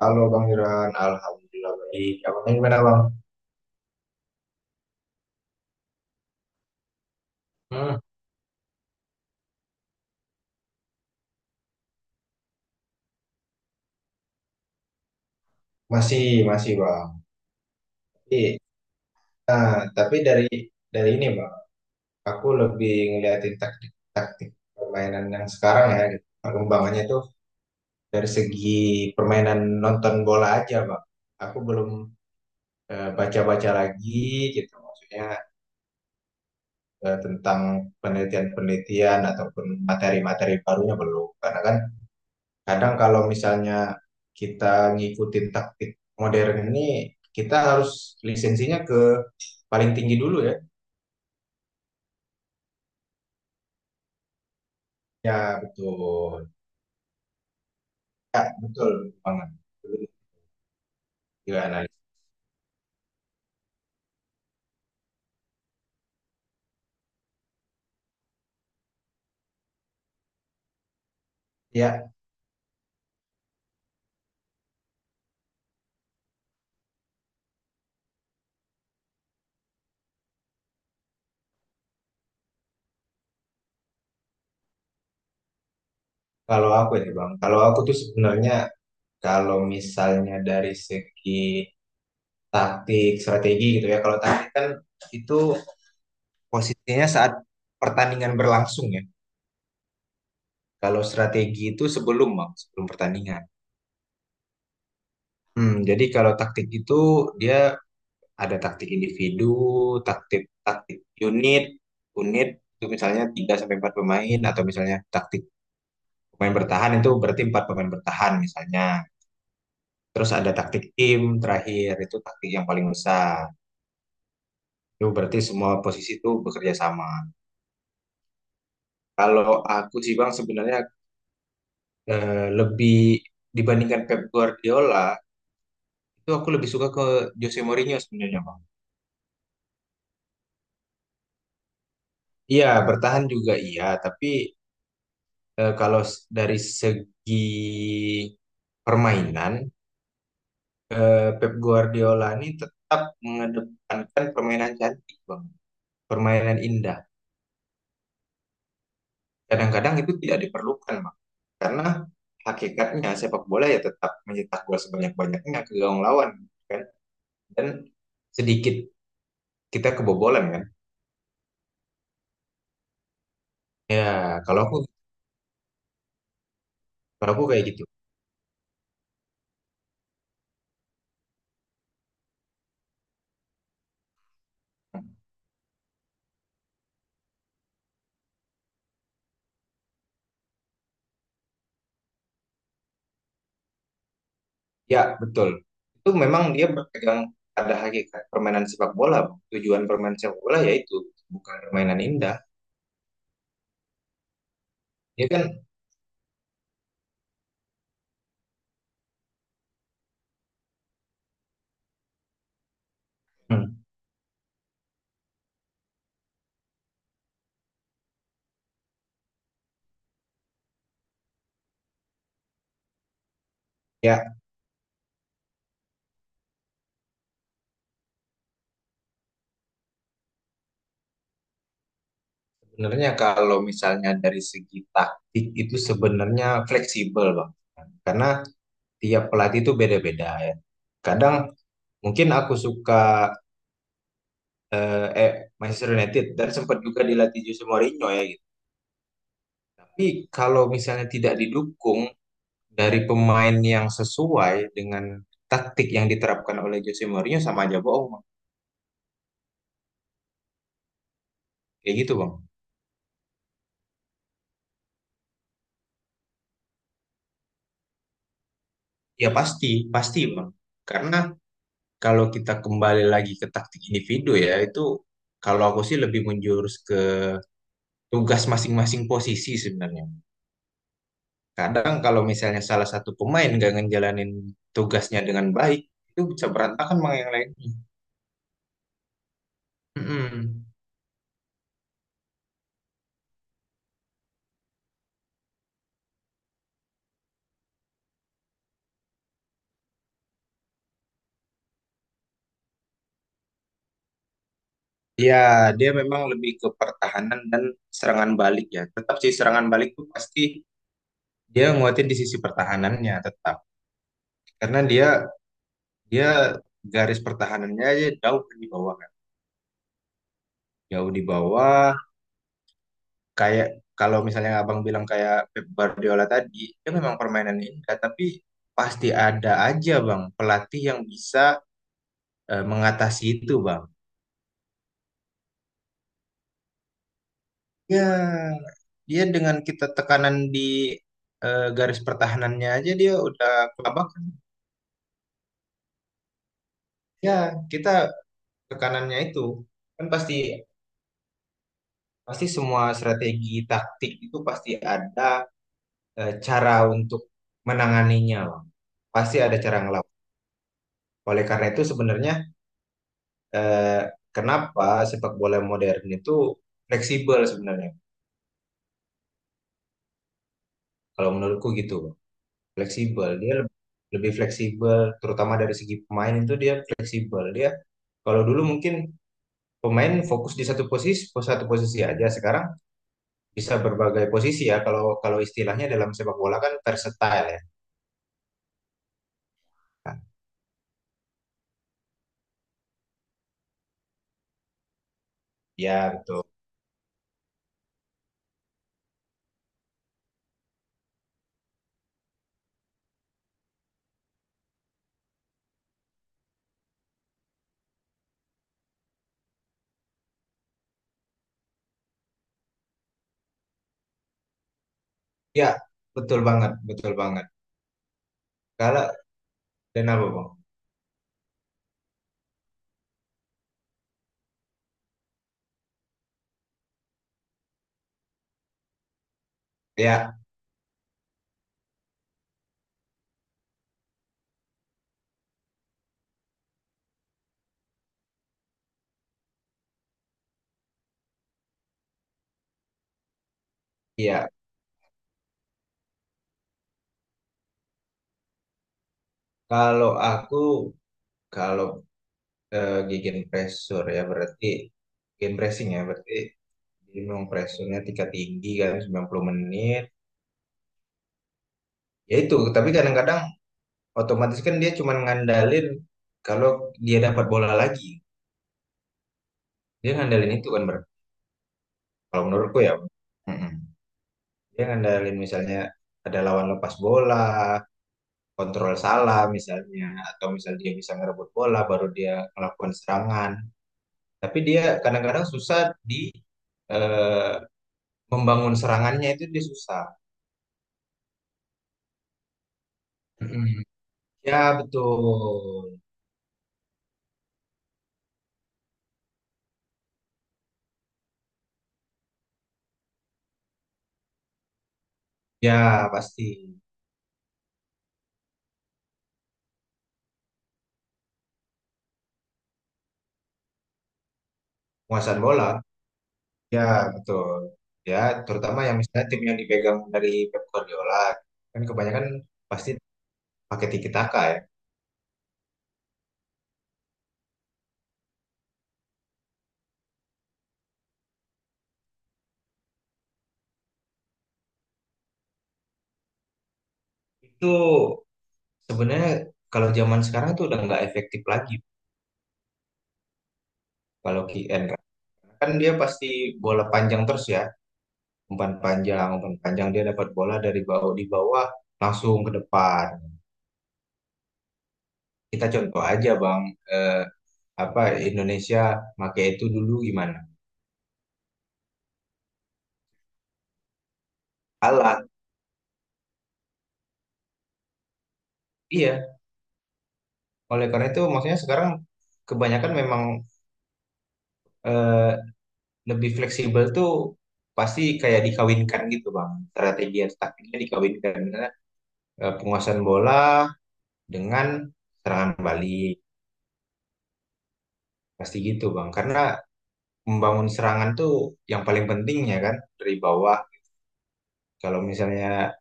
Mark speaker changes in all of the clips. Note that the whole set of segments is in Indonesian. Speaker 1: Halo Bang Iran, Alhamdulillah baik. Abangnya gimana Bang? Hmm, masih, masih Bang. Tapi, nah, tapi dari ini Bang, aku lebih ngeliatin taktik-taktik permainan yang sekarang ya, gitu. Perkembangannya tuh dari segi permainan nonton bola aja Bang. Aku belum baca-baca lagi gitu, maksudnya tentang penelitian-penelitian ataupun materi-materi barunya belum. Karena kan kadang kalau misalnya kita ngikutin taktik modern ini, kita harus lisensinya ke paling tinggi dulu ya. Ya, betul. Ya, betul banget. Gila, analis. Ya, kalau aku ya Bang, kalau aku tuh sebenarnya kalau misalnya dari segi taktik, strategi gitu ya, kalau taktik kan itu posisinya saat pertandingan berlangsung ya. Kalau strategi itu sebelum Bang, sebelum pertandingan. Hmm, jadi kalau taktik itu dia ada taktik individu, taktik taktik unit. Unit itu misalnya 3 sampai 4 pemain, atau misalnya taktik pemain bertahan, itu berarti 4 pemain bertahan misalnya. Terus ada taktik tim, terakhir itu taktik yang paling besar. Itu berarti semua posisi itu bekerja sama. Kalau aku sih Bang sebenarnya lebih dibandingkan Pep Guardiola, itu aku lebih suka ke Jose Mourinho sebenarnya Bang. Iya, bertahan juga iya, tapi dari segi permainan, Pep Guardiola ini tetap mengedepankan permainan cantik, Bang. Permainan indah. Kadang-kadang itu tidak diperlukan, Bang. Karena hakikatnya sepak bola ya tetap mencetak gol sebanyak-banyaknya ke gawang lawan, kan? Dan sedikit kita kebobolan, kan? Ya, kalau aku kalau aku kayak gitu. Ya, betul. Itu memang dia berpegang pada hakikat permainan sepak bola, Bang. Tujuan permainan sepak bola yaitu bukan permainan indah. Ya kan, hmm, ya sebenarnya kalau misalnya dari segi taktik itu sebenarnya fleksibel, Bang. Karena tiap pelatih itu beda-beda ya. Kadang mungkin aku suka eh, eh, Manchester United dan sempat juga dilatih Jose Mourinho ya gitu. Tapi kalau misalnya tidak didukung dari pemain yang sesuai dengan taktik yang diterapkan oleh Jose Mourinho, sama aja bohong, Bang. Kayak gitu, Bang. Ya pasti, pasti, Bang. Karena kalau kita kembali lagi ke taktik individu ya, itu kalau aku sih lebih menjurus ke tugas masing-masing posisi sebenarnya. Kadang kalau misalnya salah satu pemain nggak ngejalanin tugasnya dengan baik, itu bisa berantakan Bang yang lainnya. Mm-mm. Ya, dia memang lebih ke pertahanan dan serangan balik ya. Tetap sih serangan balik itu pasti, dia nguatin di sisi pertahanannya tetap, karena dia dia garis pertahanannya aja jauh di bawah kan, jauh di bawah. Kayak kalau misalnya abang bilang kayak Pep Guardiola tadi, dia memang permainan indah tapi pasti ada aja bang pelatih yang bisa mengatasi itu bang ya. Dia, dengan kita tekanan di garis pertahanannya aja, dia udah kelabakan. Ya, kita tekanannya itu kan pasti. Pasti semua strategi taktik itu pasti ada cara untuk menanganinya, Bang. Pasti ada cara ngelawan. Oleh karena itu sebenarnya eh, kenapa sepak bola modern itu fleksibel sebenarnya. Kalau menurutku gitu, Bang. Fleksibel. Dia lebih, fleksibel, terutama dari segi pemain itu dia fleksibel. Dia kalau dulu mungkin pemain fokus di satu posisi aja. Sekarang bisa berbagai posisi ya. Kalau kalau istilahnya dalam sepak bola kan versatile ya. Ya, betul. Ya, betul banget, betul banget. Kalau dan apa, Bang? Ya, ya. Kalau aku kalau eh, gigi pressure ya berarti gigi pressing ya berarti minimum pressure-nya tingkat tinggi kan 90 menit. Ya itu, tapi kadang-kadang otomatis kan dia cuma ngandalin kalau dia dapat bola lagi. Dia ngandalin itu kan, Ber. Kalau menurutku ya. Mm-mm. Dia ngandalin misalnya ada lawan lepas bola, kontrol salah misalnya, atau misal dia bisa ngerebut bola baru dia melakukan serangan, tapi dia kadang-kadang susah di eh, membangun serangannya, itu dia susah. Mm. Ya, betul. Ya, pasti. Penguasaan bola. Ya, betul. Ya, terutama yang misalnya tim yang dipegang dari Pep Guardiola kan kebanyakan pasti pakai tiki taka ya. Itu sebenarnya kalau zaman sekarang tuh udah nggak efektif lagi. Kalau QN kan dia pasti bola panjang terus ya, umpan panjang umpan panjang, dia dapat bola dari bawah, di bawah langsung ke depan. Kita contoh aja bang, eh, apa Indonesia pakai itu dulu gimana. Alat. Iya, oleh karena itu maksudnya sekarang kebanyakan memang eh, lebih fleksibel tuh, pasti kayak dikawinkan gitu bang, strategi dan taktiknya dikawinkan. Misalnya, penguasaan bola dengan serangan balik, pasti gitu bang, karena membangun serangan tuh yang paling penting ya kan, dari bawah. Kalau misalnya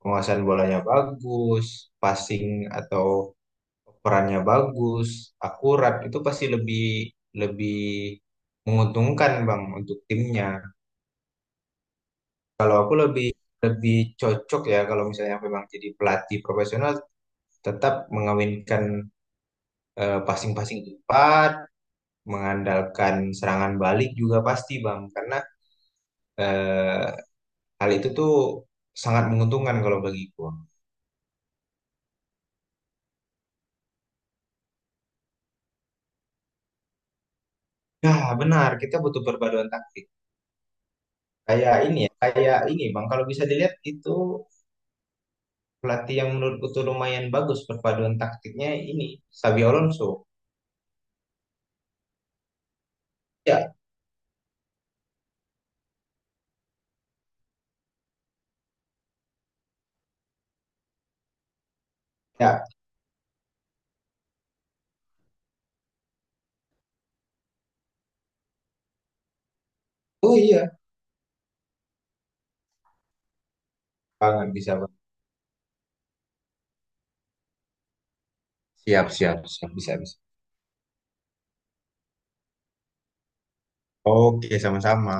Speaker 1: penguasaan bolanya bagus, passing atau perannya bagus, akurat, itu pasti lebih, lebih menguntungkan Bang untuk timnya. Kalau aku lebih lebih cocok ya kalau misalnya memang jadi pelatih profesional, tetap mengawinkan passing-passing cepat, mengandalkan serangan balik juga pasti Bang, karena eh, Hal itu tuh sangat menguntungkan kalau bagiku. Ya, benar, kita butuh perpaduan taktik. Kayak ini ya, kayak ini Bang, kalau bisa dilihat itu pelatih yang menurutku tuh lumayan bagus perpaduan taktiknya ini, Xabi Alonso. Ya, ya. Oh iya, banget bisa Bang. Siap, siap, siap, bisa, bisa. Oke, sama-sama.